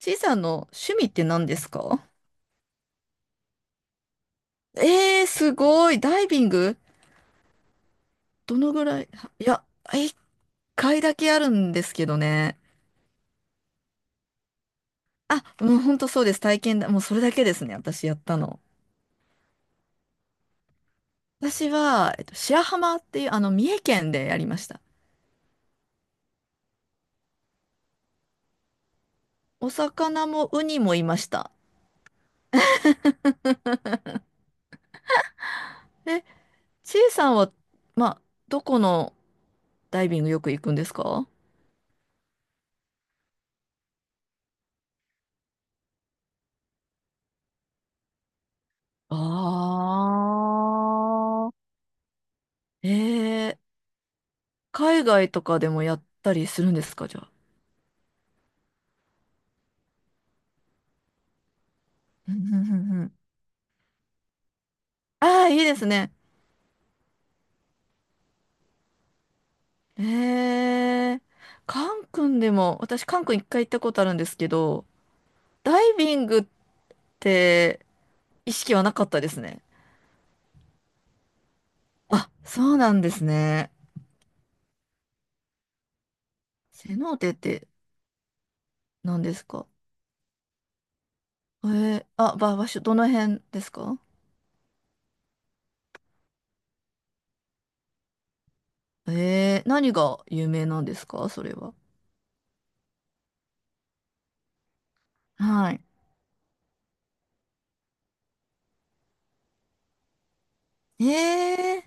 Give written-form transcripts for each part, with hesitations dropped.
ちいさんの趣味って何ですか？すごい。ダイビング。どのぐらい？いや、一回だけあるんですけどね。あ、もう本当そうです。体験だ。もうそれだけですね。私やったの。私は、白浜っていう、三重県でやりました。お魚もウニもいました。え、ちいさんは、まあ、どこのダイビングよく行くんですか？ああー、海外とかでもやったりするんですかじゃあ？うんうんうんうん。ああ、いいですね。ええ。カン君でも、私カン君一回行ったことあるんですけど、ダイビングって意識はなかったですね。あ、そうなんですね。セノーテって何ですか？あ、場所、どの辺ですか？何が有名なんですかそれは？はい。えー、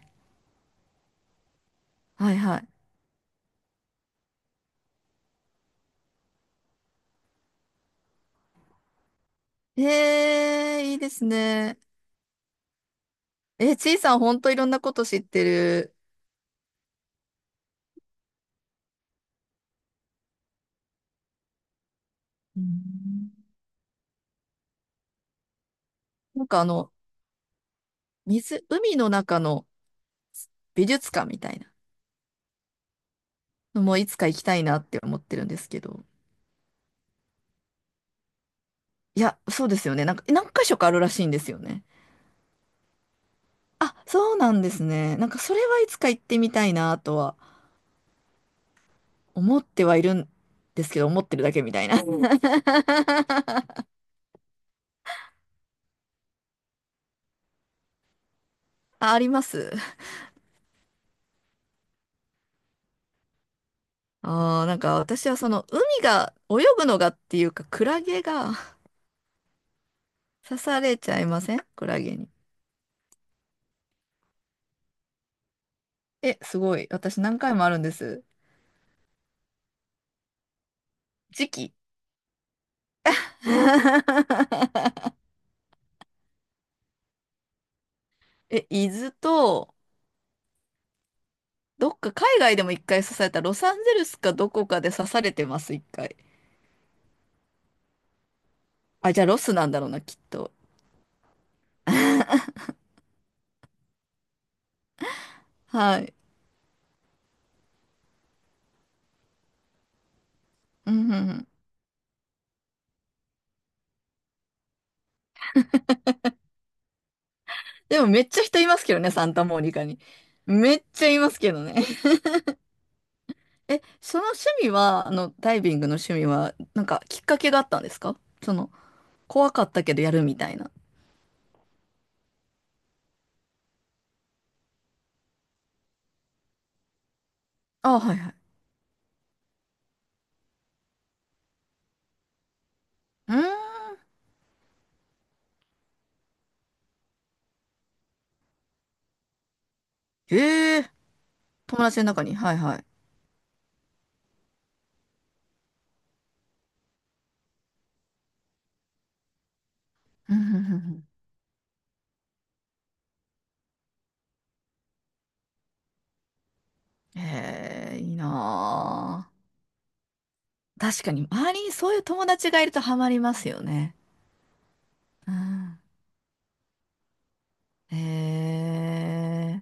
はいはい。いいですね。ちいさんほんといろんなこと知ってる。うん。なんか水、海の中の美術館みたいなのもいつか行きたいなって思ってるんですけど。いや、そうですよね。なんか、何箇所かあるらしいんですよね。あ、そうなんですね。なんか、それはいつか行ってみたいなとは思ってはいるんですけど、思ってるだけみたいな。うん。 あ、あります。あー、なんか私はその、海が、泳ぐのがっていうか、クラゲが 刺されちゃいませんクラゲに？え、すごい。私何回もあるんです。時期。え、伊豆と、どっか海外でも一回刺された、ロサンゼルスかどこかで刺されてます、一回。あ、じゃあロスなんだろうな、きっと。はい。うんうんうん。でもめっちゃ人いますけどね、サンタモニカに。めっちゃいますけどね。え、その趣味は、ダイビングの趣味は、なんかきっかけがあったんですか、その、怖かったけどやるみたいな？あ、はいはい。うーん。ええ。友達の中に。はいはい。うんうんうんうん。へえ、いいなあ。確かに、周りにそういう友達がいるとハマりますよね。うん。えー、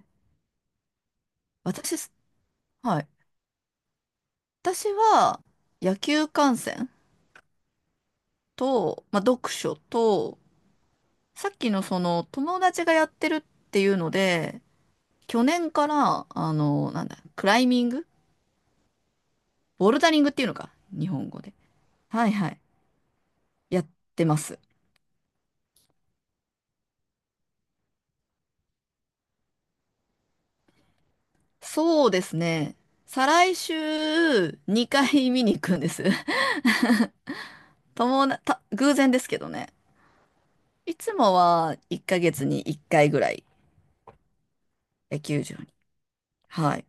私はい。私は野球観戦と、まあ、読書と、さっきのその友達がやってるっていうので、去年から、あの、なんだ、クライミング、ボルダリングっていうのか、日本語で。はいはい。やってます。そうですね。再来週2回見に行くんです。友な、た、偶然ですけどね。いつもは1ヶ月に1回ぐらい野球場に。はい。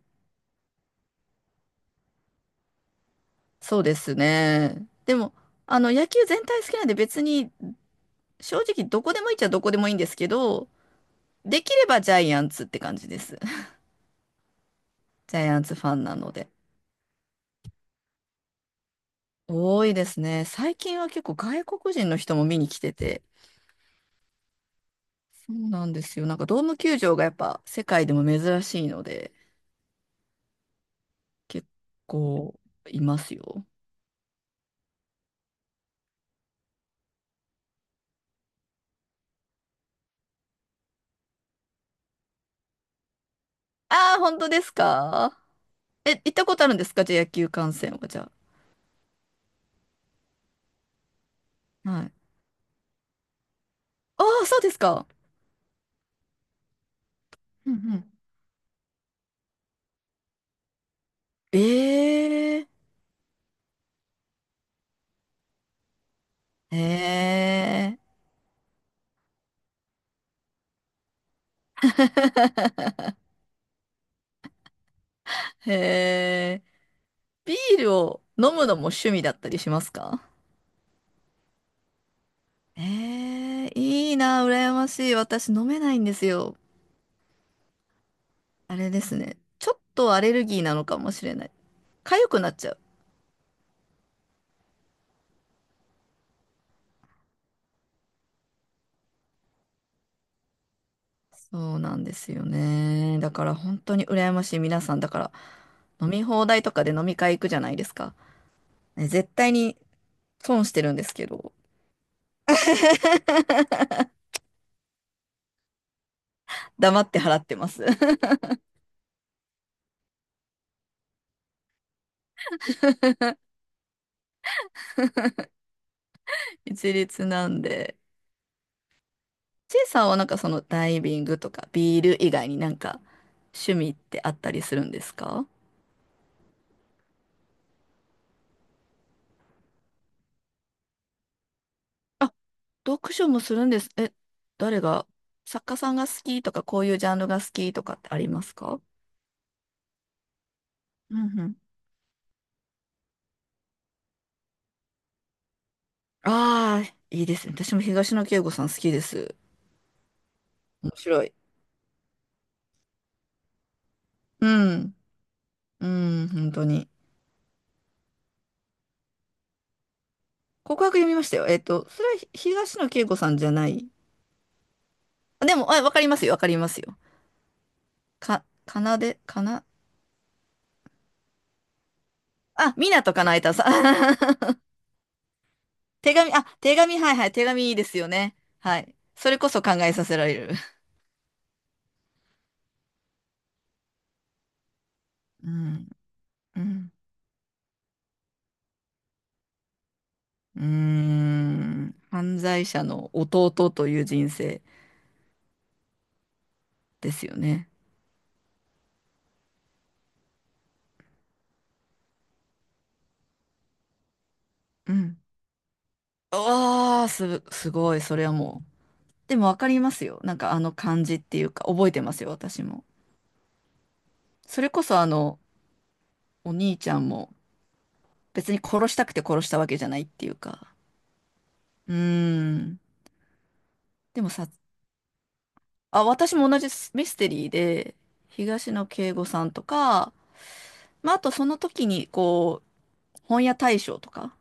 そうですね。でも、野球全体好きなんで別に正直どこでもいいっちゃどこでもいいんですけど、できればジャイアンツって感じです。ジャイアンツファンなので。多いですね。最近は結構外国人の人も見に来てて。そうなんですよ。なんかドーム球場がやっぱ世界でも珍しいので、結構いますよ。ああ、本当ですか？え、行ったことあるんですかじゃあ野球観戦はじゃあ？はい。ああ、そうですか。うんうん。ええ。ええー。へえ。ビールを飲むのも趣味だったりしますか？ええー、いいな、羨ましい。私飲めないんですよ。あれですね。ちょっとアレルギーなのかもしれない。痒くなっちゃう。そうなんですよね。だから本当に羨ましい皆さん。だから飲み放題とかで飲み会行くじゃないですか？ね、絶対に損してるんですけど。黙って払ってます。一律なんで。チェイさんはなんかそのダイビングとかビール以外になんか趣味ってあったりするんですか？あ、読書もするんです。え、誰が、作家さんが好きとかこういうジャンルが好きとかってありますか？うんうん。ああ、いいですね。私も東野圭吾さん好きです。面白い。うん。うん、本当に。告白読みましたよ。それは東野圭吾さんじゃない。あ、でも、あ、わかりますよ、わかりますよ。か、かなで、かな、あ、ミナとかなえたさん。手紙、あ、手紙、はいはい、手紙いいですよね。はい。それこそ考えさせられる。うん、うん、うーん。犯罪者の弟という人生ですよね。うん。わあ、すごい、それはもう。でもわかりますよ。なんかあの感じっていうか、覚えてますよ、私も。それこそお兄ちゃんも別に殺したくて殺したわけじゃないっていうか。うーん。でもあ、私も同じミステリーで、東野圭吾さんとか、まあ、あとその時に、こう、本屋大賞とか、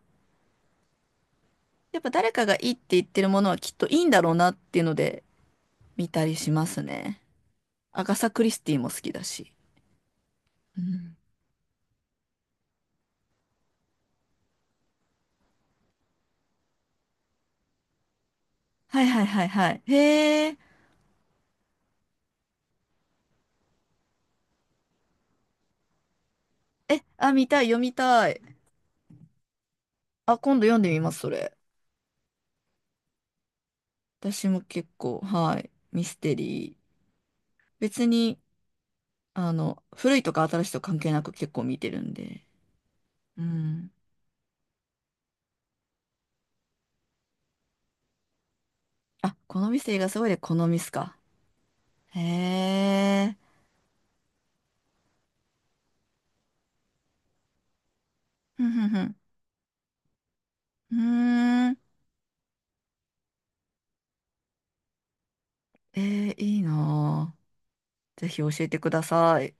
やっぱ誰かがいいって言ってるものはきっといいんだろうなっていうので見たりしますね。アガサ・クリスティも好きだし。うん。はいはいはいはい。へえ。え、あ、見たい、読みたい。あ、今度読んでみます、それ。私も結構、はい、ミステリー。別に、古いとか新しいとか関係なく結構見てるんで。うん。あ、好み性がすごいで好みミすか？へえ。ふんふんふん。うーん。えいいなぁ。ぜひ教えてください。